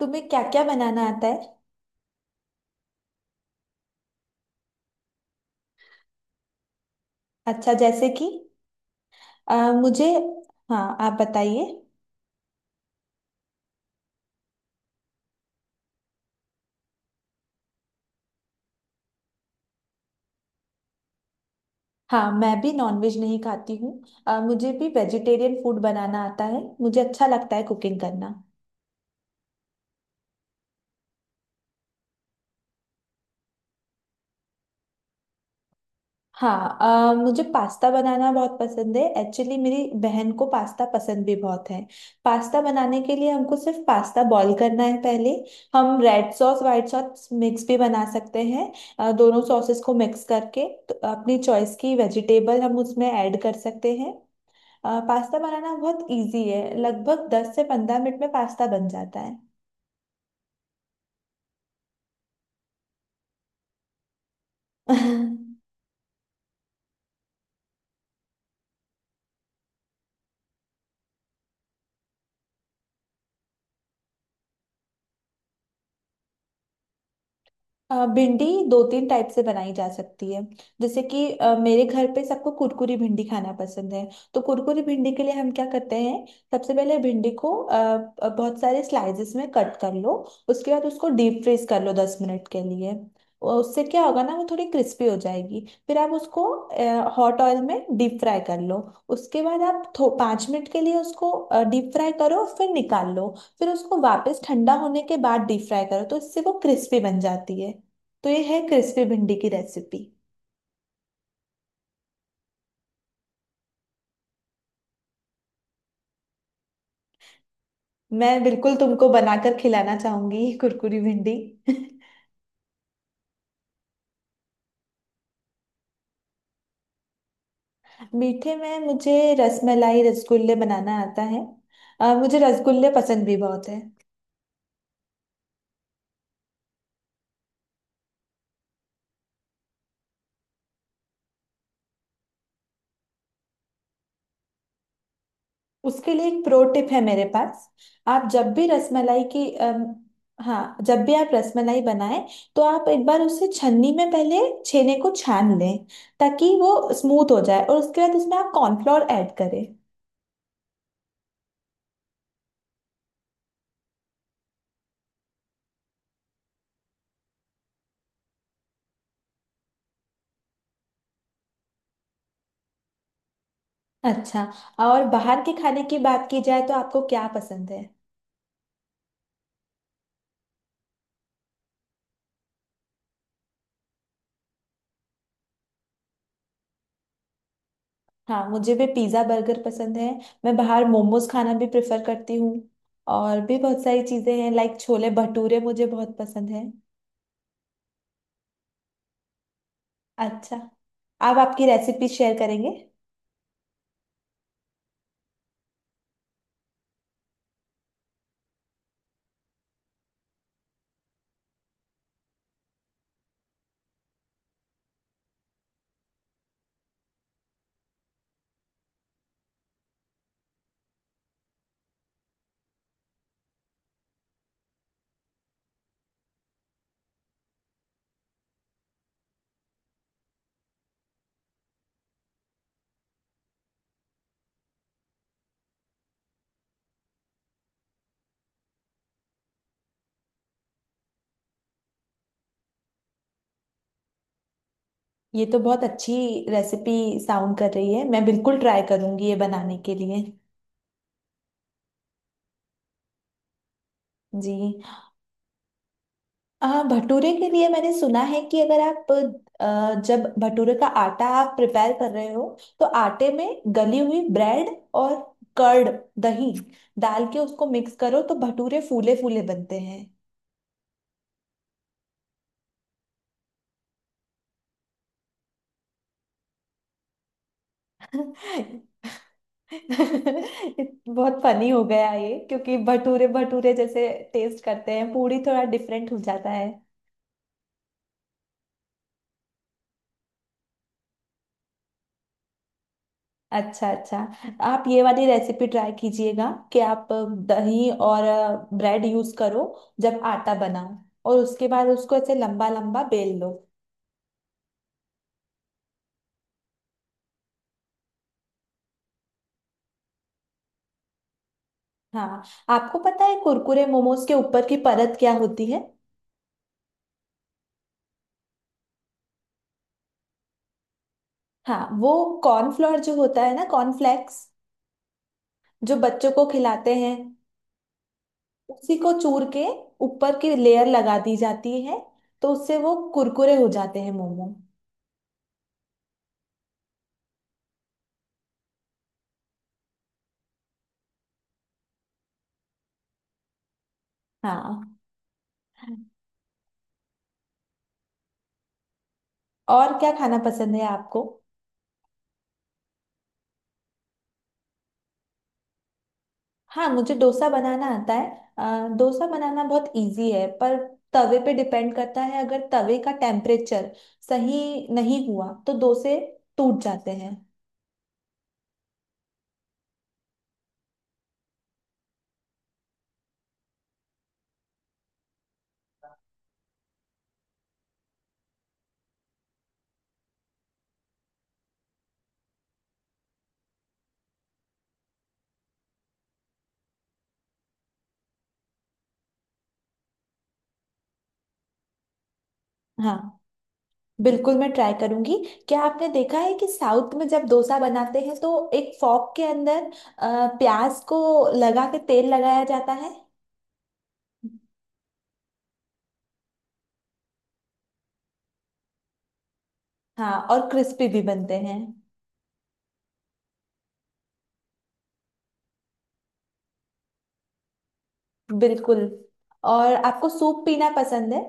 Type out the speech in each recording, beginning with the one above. तुम्हें क्या क्या बनाना आता है। अच्छा जैसे कि। अ, मुझे। हाँ आप बताइए। हाँ मैं भी नॉनवेज नहीं खाती हूँ। मुझे भी वेजिटेरियन फूड बनाना आता है। मुझे अच्छा लगता है कुकिंग करना। हाँ मुझे पास्ता बनाना बहुत पसंद है। एक्चुअली मेरी बहन को पास्ता पसंद भी बहुत है। पास्ता बनाने के लिए हमको सिर्फ पास्ता बॉईल करना है पहले। हम red sauce white sauce mix भी बना सकते हैं। दोनों सॉसेस को मिक्स करके तो अपनी चॉइस की वेजिटेबल हम उसमें ऐड कर सकते हैं। पास्ता बनाना बहुत इजी है। लगभग 10 से 15 मिनट में पास्ता बन जाता है। भिंडी दो तीन टाइप से बनाई जा सकती है। जैसे कि मेरे घर पे सबको कुरकुरी भिंडी खाना पसंद है। तो कुरकुरी भिंडी के लिए हम क्या करते हैं। सबसे पहले भिंडी को बहुत सारे स्लाइसेस में कट कर लो। उसके बाद उसको डीप फ्रीज कर लो 10 मिनट के लिए। उससे क्या होगा ना वो थोड़ी क्रिस्पी हो जाएगी फिर आप उसको हॉट ऑयल में डीप फ्राई कर लो। उसके बाद आप थो 5 मिनट के लिए उसको डीप फ्राई करो फिर निकाल लो। फिर उसको वापस ठंडा होने के बाद डीप फ्राई करो तो इससे वो क्रिस्पी बन जाती है। तो ये है क्रिस्पी भिंडी की रेसिपी। मैं बिल्कुल तुमको बनाकर खिलाना चाहूंगी ये कुरकुरी भिंडी। मीठे में मुझे रसमलाई रसगुल्ले बनाना आता है। मुझे रसगुल्ले पसंद भी बहुत है। उसके लिए एक प्रो टिप है मेरे पास। आप जब भी रसमलाई की हाँ, जब भी आप रसमलाई बनाएं तो आप एक बार उसे छन्नी में पहले छेने को छान लें ताकि वो स्मूथ हो जाए और उसके बाद उसमें आप कॉर्नफ्लोर ऐड करें। अच्छा। और बाहर के खाने की बात की जाए तो आपको क्या पसंद है। हाँ मुझे भी पिज़्ज़ा बर्गर पसंद है। मैं बाहर मोमोज खाना भी प्रेफर करती हूँ। और भी बहुत सारी चीज़ें हैं लाइक छोले भटूरे मुझे बहुत पसंद है। अच्छा। आप आपकी रेसिपी शेयर करेंगे। ये तो बहुत अच्छी रेसिपी साउंड कर रही है मैं बिल्कुल ट्राई करूंगी ये बनाने के लिए। जी। भटूरे के लिए मैंने सुना है कि अगर आप जब भटूरे का आटा आप प्रिपेयर कर रहे हो तो आटे में गली हुई ब्रेड और कर्ड दही डाल के उसको मिक्स करो तो भटूरे फूले फूले बनते हैं। बहुत फनी हो गया ये क्योंकि भटूरे भटूरे जैसे टेस्ट करते हैं पूरी थोड़ा डिफरेंट हो जाता है। अच्छा अच्छा। आप ये वाली रेसिपी ट्राई कीजिएगा कि आप दही और ब्रेड यूज करो जब आटा बनाओ और उसके बाद उसको ऐसे लंबा लंबा बेल लो। हाँ। आपको पता है कुरकुरे मोमोज के ऊपर की परत क्या होती है। हाँ वो कॉर्नफ्लोर जो होता है ना कॉर्नफ्लेक्स जो बच्चों को खिलाते हैं उसी को चूर के ऊपर की लेयर लगा दी जाती है। तो उससे वो कुरकुरे हो जाते हैं मोमो। हाँ। और क्या खाना पसंद है आपको। हाँ मुझे डोसा बनाना आता है। डोसा बनाना बहुत इजी है पर तवे पे डिपेंड करता है अगर तवे का टेम्परेचर सही नहीं हुआ तो डोसे टूट जाते हैं। हाँ बिल्कुल मैं ट्राई करूंगी। क्या आपने देखा है कि साउथ में जब डोसा बनाते हैं तो एक फॉक के अंदर प्याज को लगा के तेल लगाया जाता है। हाँ और क्रिस्पी भी बनते हैं। बिल्कुल। और आपको सूप पीना पसंद है।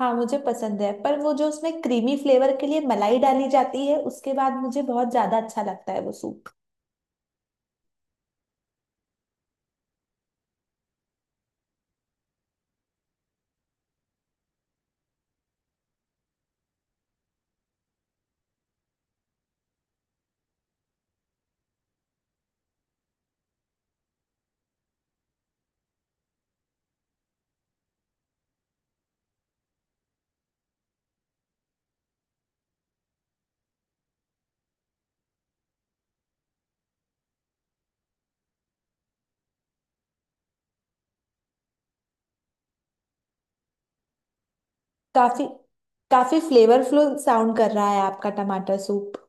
हाँ मुझे पसंद है पर वो जो उसमें क्रीमी फ्लेवर के लिए मलाई डाली जाती है उसके बाद मुझे बहुत ज्यादा अच्छा लगता है वो सूप। काफी काफी फ्लेवरफुल साउंड कर रहा है आपका टमाटर सूप।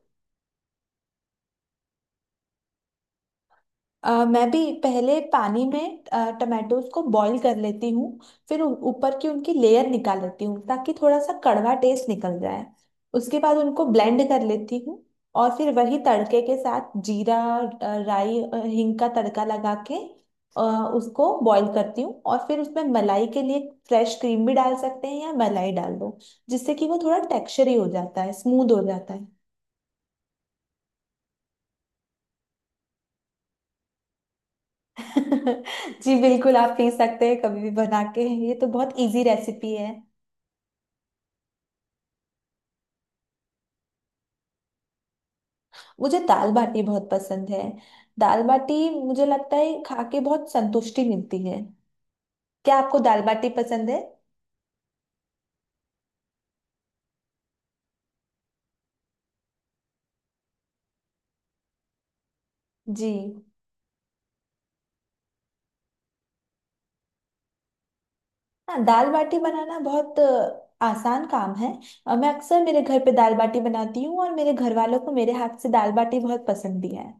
मैं भी पहले पानी में टमाटोज को बॉईल कर लेती हूँ। फिर ऊपर की उनकी लेयर निकाल लेती हूँ ताकि थोड़ा सा कड़वा टेस्ट निकल जाए। उसके बाद उनको ब्लेंड कर लेती हूँ। और फिर वही तड़के के साथ जीरा राई हींग का तड़का लगा के अ, उसको बॉईल करती हूँ और फिर उसमें मलाई के लिए फ्रेश क्रीम भी डाल सकते हैं या मलाई डाल दो जिससे कि वो थोड़ा टेक्सचर ही हो जाता है स्मूथ हो जाता है। जी बिल्कुल आप पी सकते हैं कभी भी बना के। ये तो बहुत इजी रेसिपी है। मुझे दाल बाटी बहुत पसंद है। दाल बाटी मुझे लगता है खा के बहुत संतुष्टि मिलती है। क्या आपको दाल बाटी पसंद है। जी। हाँ दाल बाटी बनाना बहुत आसान काम है। मैं अक्सर मेरे घर पे दाल बाटी बनाती हूँ और मेरे घर वालों को मेरे हाथ से दाल बाटी बहुत पसंद भी है।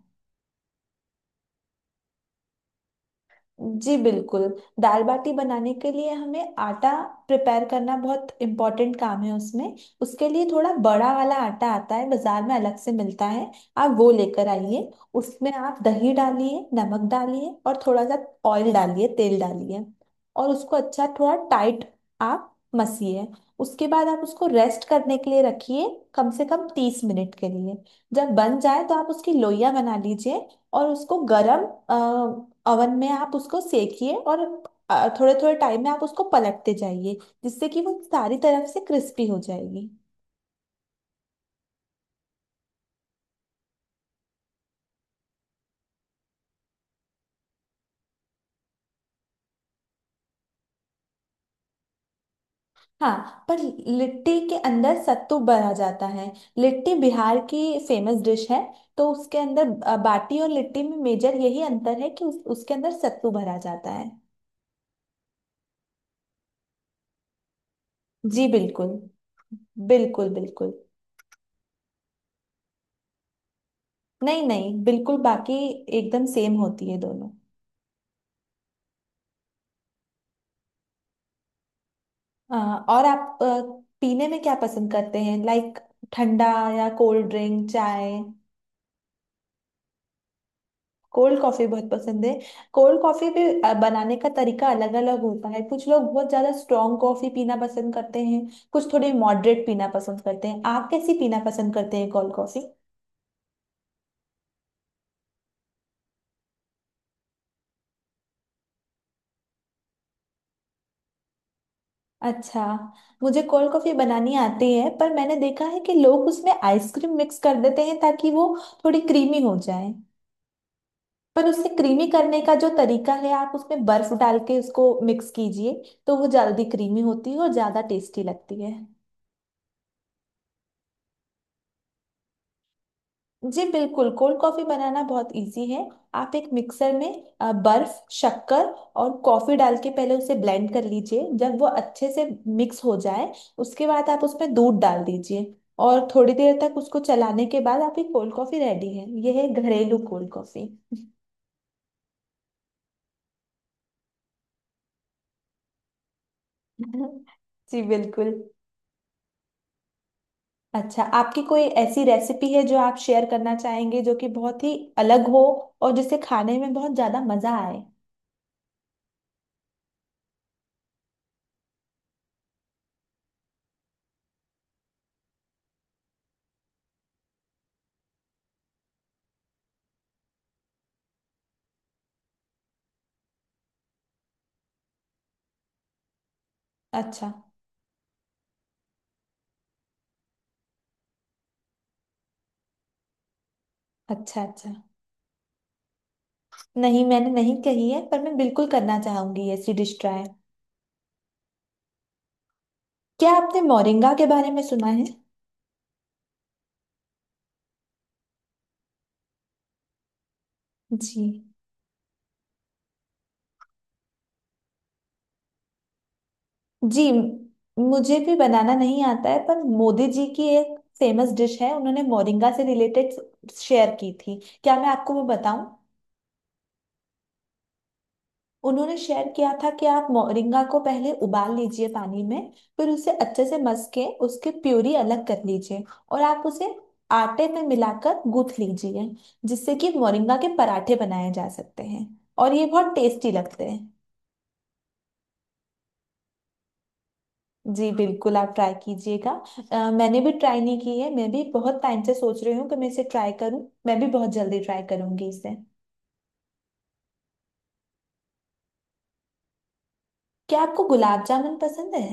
जी बिल्कुल। दाल बाटी बनाने के लिए हमें आटा प्रिपेयर करना बहुत इम्पोर्टेंट काम है उसमें। उसके लिए थोड़ा बड़ा वाला आटा आता है बाजार में अलग से मिलता है। आप वो लेकर आइए। उसमें आप दही डालिए नमक डालिए और थोड़ा सा ऑयल डालिए तेल डालिए। और उसको अच्छा थोड़ा टाइट आप मसिए। उसके बाद आप उसको रेस्ट करने के लिए रखिए कम से कम 30 मिनट के लिए। जब बन जाए तो आप उसकी लोइयां बना लीजिए और उसको गरम ओवन में आप उसको सेकिए। और थोड़े थोड़े टाइम में आप उसको पलटते जाइए जिससे कि वो सारी तरफ से क्रिस्पी हो जाएगी। हाँ पर लिट्टी के अंदर सत्तू भरा जाता है। लिट्टी बिहार की फेमस डिश है। तो उसके अंदर बाटी और लिट्टी में मेजर यही अंतर है कि उसके अंदर सत्तू भरा जाता है। जी बिल्कुल बिल्कुल बिल्कुल। नहीं नहीं बिल्कुल बाकी एकदम सेम होती है दोनों। हाँ और आप पीने में क्या पसंद करते हैं लाइक ठंडा या कोल्ड ड्रिंक चाय। कोल्ड कॉफी बहुत पसंद है। कोल्ड कॉफी भी बनाने का तरीका अलग अलग होता है कुछ लोग बहुत ज्यादा स्ट्रॉन्ग कॉफी पीना पसंद करते हैं। कुछ थोड़े मॉडरेट पीना पसंद करते हैं आप कैसी पीना पसंद करते हैं कोल्ड कॉफी। अच्छा। मुझे कोल्ड कॉफी बनानी आती है पर मैंने देखा है कि लोग उसमें आइसक्रीम मिक्स कर देते हैं ताकि वो थोड़ी क्रीमी हो जाए। पर उसे क्रीमी करने का जो तरीका है आप उसमें बर्फ डाल के उसको मिक्स कीजिए तो वो जल्दी क्रीमी होती है और ज्यादा टेस्टी लगती है। जी बिल्कुल। कोल्ड कॉफी बनाना बहुत इजी है। आप एक मिक्सर में बर्फ शक्कर और कॉफी डाल के पहले उसे ब्लेंड कर लीजिए जब वो अच्छे से मिक्स हो जाए। उसके बाद आप उसमें दूध डाल दीजिए। और थोड़ी देर तक उसको चलाने के बाद आपकी कोल्ड कॉफी रेडी है यह है घरेलू कोल्ड कॉफी। जी बिल्कुल। अच्छा आपकी कोई ऐसी रेसिपी है जो आप शेयर करना चाहेंगे जो कि बहुत ही अलग हो और जिसे खाने में बहुत ज्यादा मजा आए। अच्छा अच्छा। अच्छा। नहीं मैंने नहीं कही है पर मैं बिल्कुल करना चाहूंगी ऐसी डिश ट्राई। क्या आपने मोरिंगा के बारे में सुना है। जी। जी। मुझे भी बनाना नहीं आता है पर मोदी जी की एक फेमस डिश है उन्होंने मोरिंगा से रिलेटेड शेयर की थी क्या मैं आपको वो बताऊं। उन्होंने शेयर किया था कि आप मोरिंगा को पहले उबाल लीजिए पानी में फिर उसे अच्छे से मस के उसके प्यूरी अलग कर लीजिए और आप उसे आटे में मिलाकर गूंथ लीजिए जिससे कि मोरिंगा के पराठे बनाए जा सकते हैं और ये बहुत टेस्टी लगते हैं। जी बिल्कुल आप ट्राई कीजिएगा। मैंने भी ट्राई नहीं की है मैं भी बहुत टाइम से सोच रही हूँ कि मैं इसे ट्राई करूँ मैं भी बहुत जल्दी ट्राई करूंगी इसे। क्या आपको गुलाब जामुन पसंद है।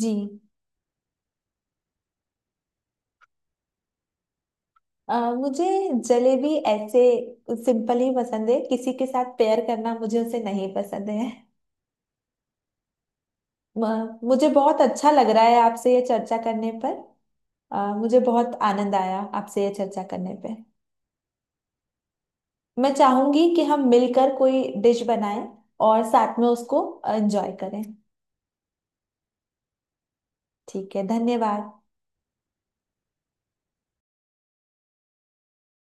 जी मुझे जलेबी ऐसे सिंपल ही पसंद है किसी के साथ पेयर करना मुझे उसे नहीं पसंद है। मुझे बहुत अच्छा लग रहा है आपसे ये चर्चा करने पर। मुझे बहुत आनंद आया आपसे ये चर्चा करने पे। मैं चाहूंगी कि हम मिलकर कोई डिश बनाएं और साथ में उसको एंजॉय करें। ठीक है धन्यवाद।